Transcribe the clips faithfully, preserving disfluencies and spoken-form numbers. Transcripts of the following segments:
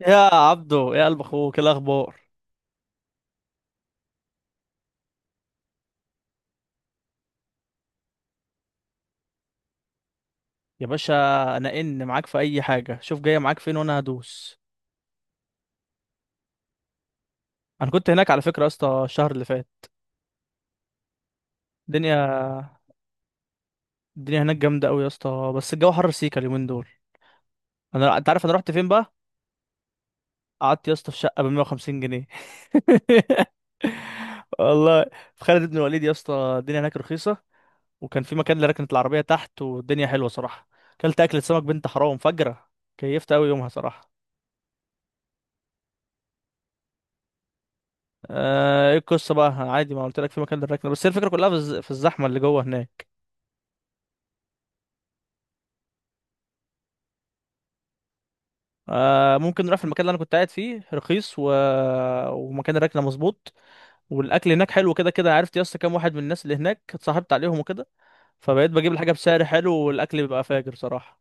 يا عبدو يا قلب اخوك، إيه الاخبار؟ يا باشا انا ان معاك في اي حاجه. شوف جايه معاك فين وانا هدوس. انا كنت هناك على فكره يا اسطى الشهر اللي فات. الدنيا الدنيا هناك جامده قوي يا اسطى، بس الجو حر سيكا اليومين دول. انا انت عارف انا رحت فين بقى؟ قعدت يا اسطى في شقه ب مية وخمسين جنيه والله. في خالد بن الوليد يا اسطى الدنيا هناك رخيصه. وكان في مكان لركنت العربيه تحت، والدنيا حلوه صراحه. اكلت اكله سمك بنت حرام فجره. كيفت قوي يومها صراحه. آه، ايه القصه بقى؟ عادي ما قلت لك في مكان للركنه، بس هي الفكره كلها في الز- في الزحمه اللي جوه هناك. آه، ممكن نروح في المكان اللي انا كنت قاعد فيه، رخيص و... ومكان الركنه مظبوط. والاكل هناك حلو. كده كده عرفت يا اسطى كام واحد من الناس اللي هناك اتصاحبت عليهم وكده، فبقيت بجيب الحاجه بسعر حلو والاكل بيبقى فاجر صراحه.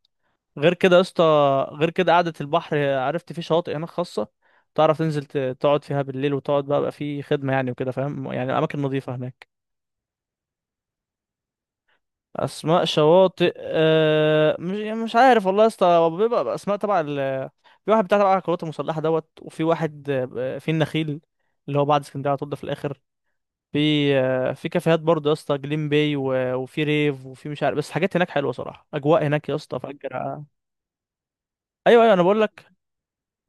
غير كده يا اسطى، غير كده قعده البحر. عرفت فيه شواطئ هناك خاصه تعرف تنزل ت- تقعد فيها بالليل وتقعد بقى، بقى فيه خدمه يعني وكده، فاهم؟ يعني اماكن نظيفه هناك. اسماء شواطئ أه مش يعني مش عارف والله يا اسطى، هو بيبقى اسماء تبع ال... في واحد بتاع تبع القوات المسلحه دوت، وفي واحد، آه، في النخيل اللي هو بعد اسكندريه على طول ده في الاخر. في، آه، في كافيهات برضه يا اسطى، جليم باي و- وفي ريف وفي مش عارف، بس حاجات هناك حلوه صراحه، اجواء هناك يا اسطى فجرة. ايوه ايوه انا بقول لك.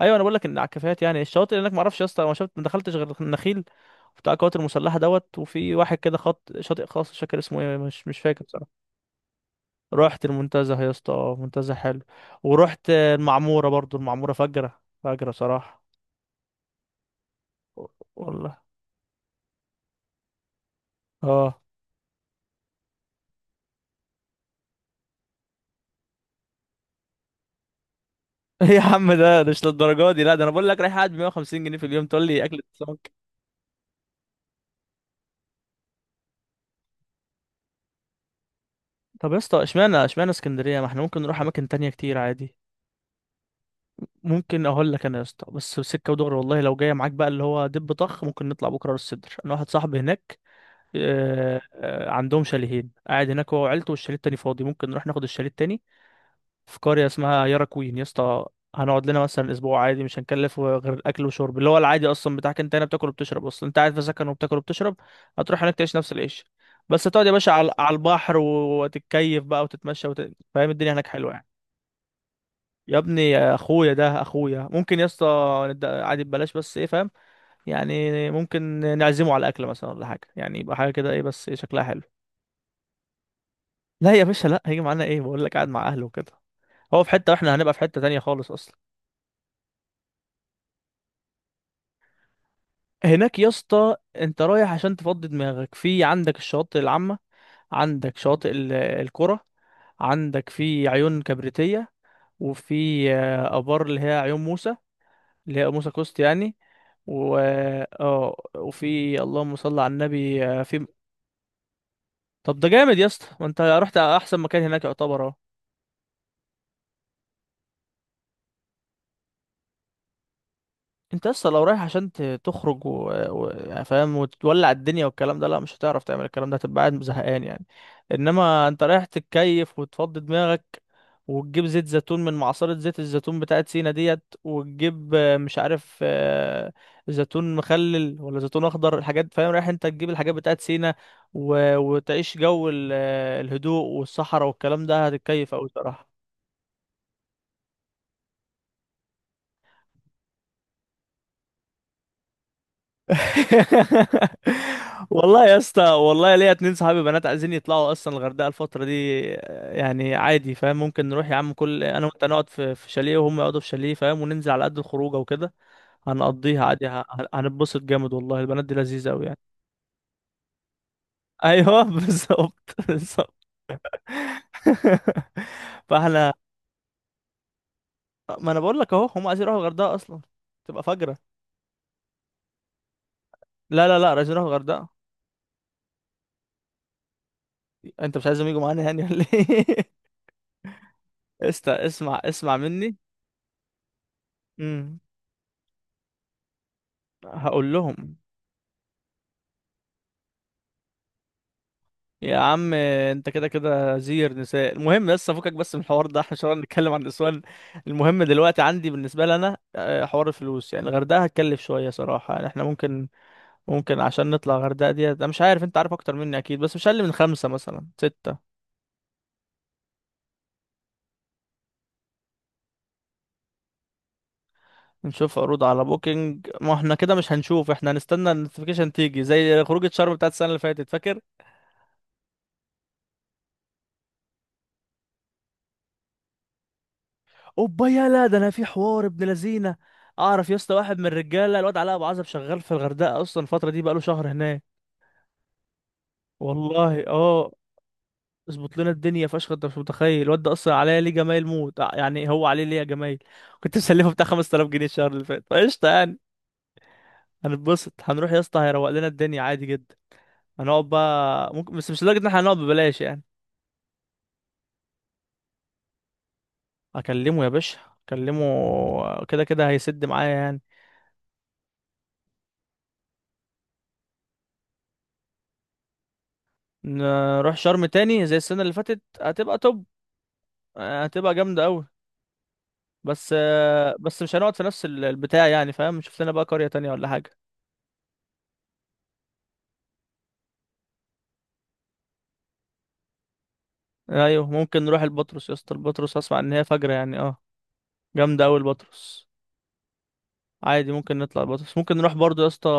ايوه انا بقول لك ان على الكافيهات. يعني الشواطئ هناك ما اعرفش يا اسطى، ما شفت ما دخلتش غير النخيل بتاع القوات المسلحه دوت، وفي واحد كده خط شاطئ خاص مش فاكر اسمه ايه، مش مش فاكر. رحت المنتزه يا اسطى، اه منتزه حلو. ورحت المعموره برضو، المعموره فجره فجره صراحه. والله اه. إيه يا عم، ده ده مش للدرجه دي لا. ده انا بقول لك رايح قاعد ب مئة وخمسين جنيه في اليوم تقول لي اكل سمك؟ طب يا اسطى، اشمعنى اشمعنى اسكندريه؟ ما احنا ممكن نروح اماكن تانية كتير عادي. ممكن اقول لك انا يا اسطى، بس سكه ودغري والله لو جايه معاك بقى اللي هو دب طخ، ممكن نطلع بكره راس السدر. انا واحد صاحبي هناك، آه، آه، عندهم شاليهين. قاعد هناك هو وعيلته، والشاليه التاني فاضي، ممكن نروح ناخد الشاليه التاني. في قرية اسمها يارا كوين يا اسطى. هنقعد لنا مثلا اسبوع عادي، مش هنكلف غير اكل وشرب اللي هو العادي اصلا بتاعك انت هنا، بتاكل وبتشرب اصلا، انت قاعد في سكن وبتاكل وبتشرب. هتروح هناك تعيش نفس العيش، بس هتقعد يا باشا على على البحر وتتكيف بقى وتتمشى وت... فاهم؟ الدنيا هناك حلوه يعني. يا ابني يا اخويا ده اخويا، ممكن يا اسطى ند- عادي ببلاش. بس ايه فاهم؟ يعني ممكن نعزمه على اكل مثلا ولا حاجه، يعني يبقى حاجه كده، ايه بس إيه شكلها حلو. لا يا باشا، لا هيجي معانا ايه، بقول لك قاعد مع اهله وكده. هو في حته واحنا هنبقى في حته تانية خالص اصلا. هناك يا اسطى انت رايح عشان تفضي دماغك. في عندك الشواطئ العامة، عندك شواطئ ال- القرى، عندك في عيون كبريتية، وفي، آه، آبار اللي هي عيون موسى، اللي هي موسى كوست يعني، و... اه. وفي، اللهم صل على النبي، آه، في... طب ده جامد يا اسطى، ما انت رحت احسن مكان هناك يعتبر اهو. انت اصلا لو رايح عشان ت- تخرج و... و... يعني، فاهم؟ وتولع الدنيا والكلام ده، لا مش هتعرف تعمل الكلام ده، هتبقى قاعد زهقان يعني. انما انت رايح تتكيف وتفضي دماغك، وتجيب زيت زيتون من معصرة زيت الزيتون بتاعت سينا ديت، وتجيب آه، مش عارف، آه، زيتون مخلل ولا زيتون اخضر، الحاجات، فاهم؟ رايح انت تجيب الحاجات بتاعت سينا، و... وتعيش جو ال... آه، الهدوء والصحراء والكلام ده، هتتكيف اوي صراحة. والله يا اسطى، والله ليا اتنين صحابي بنات عايزين يطلعوا اصلا الغردقه الفتره دي، آه، يعني عادي فاهم. ممكن نروح يا عم، كل انا وانت نقعد في في شاليه وهم يقعدوا في شاليه، فاهم؟ وننزل على قد الخروجه وكده. هنقضيها عادي، ه- ه- هنتبسط جامد والله، البنات دي لذيذه قوي يعني. ايوه بالظبط بالظبط. فاحنا، ما انا بقول لك اهو هم عايزين يروحوا الغردقه اصلا، تبقى فجره. لا لا لا عايزين يروحوا الغردقه. انت مش عايزهم يجوا معانا يعني ولا ايه؟ استا، اسمع اسمع مني، هقول لهم. يا عم انت كده كده زير نساء، المهم بس افكك بس من الحوار ده، احنا مش هنقعد نتكلم عن النسوان. المهم دلوقتي عندي بالنسبه لي انا، آه، حوار الفلوس، يعني الغردقه هتكلف شويه صراحه يعني. احنا ممكن، ممكن عشان نطلع الغردقه دي انا مش عارف، انت عارف اكتر مني اكيد، بس مش اقل من خمسه مثلا سته. نشوف عروض على بوكينج؟ ما احنا كده مش هنشوف، احنا هنستنى النوتيفيكيشن تيجي زي خروجه شرم بتاعت السنه اللي فاتت فاكر. اوبا يلا، ده انا في حوار ابن لذينه. اعرف يا اسطى واحد من الرجاله، الواد علاء ابو عزب، شغال في الغردقه اصلا الفتره دي، بقاله شهر هناك. والله اه، اظبط لنا الدنيا فشخ. انت مش متخيل الواد ده اصلا عليا ليه جمايل موت، آه، يعني هو عليه ليه جمايل. كنت مسلفه بتاع خمس تلاف جنيه الشهر اللي فات فقشطه يعني. هنتبسط، هنروح يا اسطى هيروق لنا الدنيا عادي جدا. هنقعد بقى، ممكن، بس مش لدرجه ان احنا هنقعد ببلاش يعني. اكلمه يا باشا، اكلمه كده كده هيسد معايا يعني. نروح شرم تاني زي السنه اللي فاتت هتبقى توب، آه، هتبقى جامدة أوي. بس، آه، بس مش هنقعد في نفس ال- البتاع يعني، فاهم؟ شوف لنا بقى قرية تانية ولا حاجة. أيوه ممكن نروح البطرس يا اسطى، البطرس أسمع إن هي فجرة يعني، اه جامدة أوي البطرس. عادي ممكن نطلع البطرس، ممكن نروح برضو يا اسطى،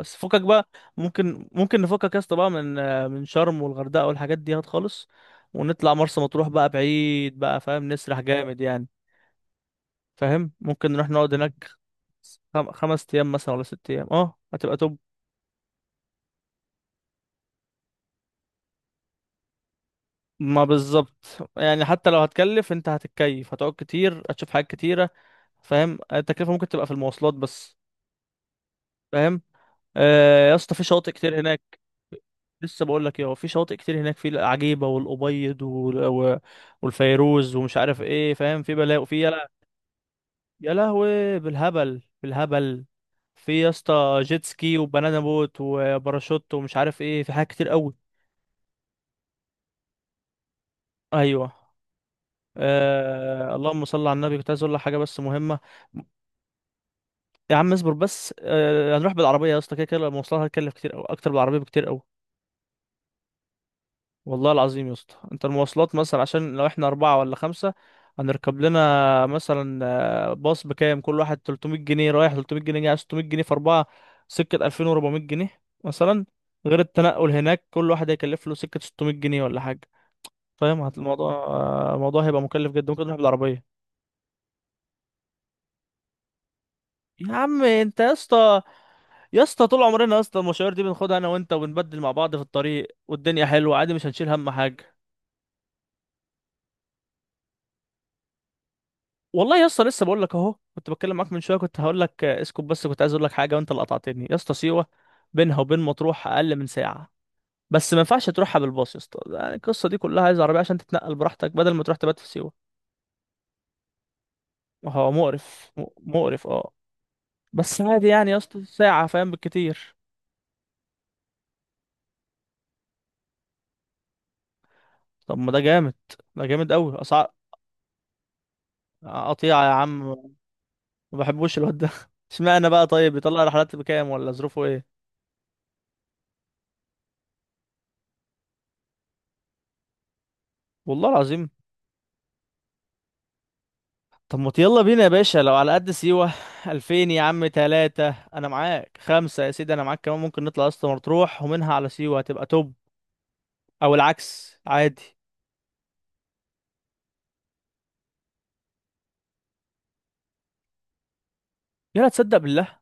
بس فكك بقى. ممكن، ممكن نفكك يا اسطى بقى من، آه، من شرم والغردقة والحاجات دي، هات خالص. ونطلع مرسى مطروح بقى، بعيد بقى فاهم، نسرح جامد يعني. فاهم؟ ممكن نروح نقعد هناك خم... خمس أيام مثلا ولا ست أيام، اه هتبقى توب. ما بالظبط يعني، حتى لو هتكلف انت هتتكيف، هتقعد كتير هتشوف حاجات كتيرة. فاهم؟ التكلفة ممكن تبقى في المواصلات بس. فاهم؟ آه يا اسطى في شواطئ كتير هناك. لسه بقول لك اهو، في شواطئ كتير هناك، في العجيبة والأبيض وال- و- والفيروز ومش عارف ايه، فاهم؟ في بلاء وفي يلا. يا لهوي، بالهبل بالهبل. في يا اسطى جيت سكي وبنانا بوت وباراشوت ومش عارف ايه، في حاجات كتير قوي. ايوه. آه، اللهم صل على النبي، كنت عايز اقول لك حاجة بس مهمة. يا عم اصبر بس، آه، هنروح بالعربية يا اسطى، كده كده المواصلات هتكلف كتير أوي، أكتر بالعربية بكتير أوي. والله العظيم يا اسطى، أنت المواصلات مثلا عشان لو احنا أربعة ولا خمسة، هنركب لنا مثلا آه، باص. بكام كل واحد؟ تلت مية جنيه رايح، تلت مية جنيه جاي، ست مية جنيه في أربعة، سكة ألفين وأربع مية جنيه مثلا. غير التنقل هناك كل واحد هيكلف له سكة ست مية جنيه ولا حاجة. فاهم؟ هت- الموضوع، آه، الموضوع هيبقى مكلف جدا، ممكن نروح بالعربية. يا عم انت يا اسطى، يا اسطى طول عمرنا يا اسطى المشاوير دي بناخدها انا وانت، وبنبدل مع بعض في الطريق، والدنيا حلوه عادي مش هنشيل هم حاجه. والله يا اسطى لسه بقول لك اهو، كنت بتكلم معاك من شويه كنت هقول لك، آه، اسكت بس، كنت عايز اقول لك حاجه وانت اللي قطعتني يا اسطى. سيوه بينها وبين مطروح اقل من ساعه، بس ما ينفعش تروحها بالباص يا اسطى يعني. القصه دي كلها عايز عربيه عشان تتنقل براحتك، بدل ما تروح تبات في سيوه. هو مقرف م- مقرف اه. بس عادي يعني يا اسطى ساعه فاهم، بالكتير. طب ما ده جامد، ده جامد قوي. اسعار قطيعه يا عم. ما بحبوش الواد ده اشمعنى بقى؟ طيب بيطلع رحلات بكام ولا ظروفه ايه؟ والله العظيم. طب ما يلا بينا يا باشا، لو على قد سيوة ألفين يا عم، تلاتة انا معاك، خمسة يا سيدي انا معاك كمان. ممكن نطلع اسطى مطروح ومنها على سيوة هتبقى توب، او العكس عادي. يلا، تصدق بالله؟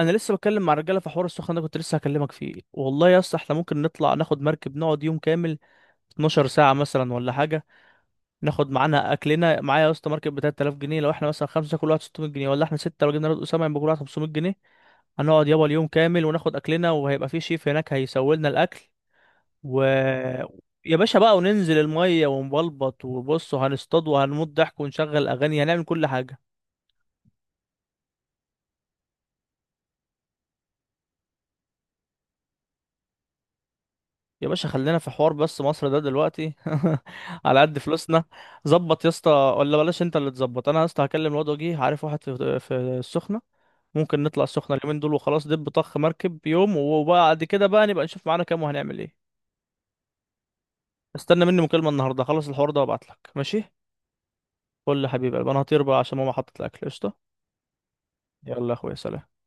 انا لسه بتكلم مع الرجاله في حوار السخن ده، كنت لسه هكلمك فيه والله يا اسطى. احنا ممكن نطلع ناخد مركب، نقعد يوم كامل، اتناشر ساعة مثلا ولا حاجة. ناخد معانا اكلنا، معايا يا اسطى ماركت ب ثلاثة آلاف جنيه، لو احنا مثلا خمسه كل واحد ستمائة جنيه، ولا احنا سته لو جبنا رد اسامه يبقى كل واحد خمس مية جنيه. هنقعد يابا اليوم كامل، وناخد اكلنا، وهيبقى في شيف هناك هيسوي لنا الاكل، و... يا باشا بقى وننزل الميه ونبلبط، وبص وهنصطاد وهنموت ضحك، ونشغل اغاني، هنعمل كل حاجه. يا باشا خلينا في حوار بس مصر ده دلوقتي على قد فلوسنا. ظبط يا اسطى، ولا بلاش انت اللي تظبط. انا يا اسطى هكلم الواد وجيه، عارف واحد في في السخنه، ممكن نطلع السخنة اليومين دول وخلاص، دب طخ مركب يوم، وبعد كده بقى نبقى نشوف معانا كام وهنعمل ايه. استنى مني مكالمة النهاردة، خلص الحوار ده وابعتلك ماشي. قول لي يا حبيبي، انا هطير بقى عشان ماما حطت الاكل قشطة. يلا يا اخويا، سلام.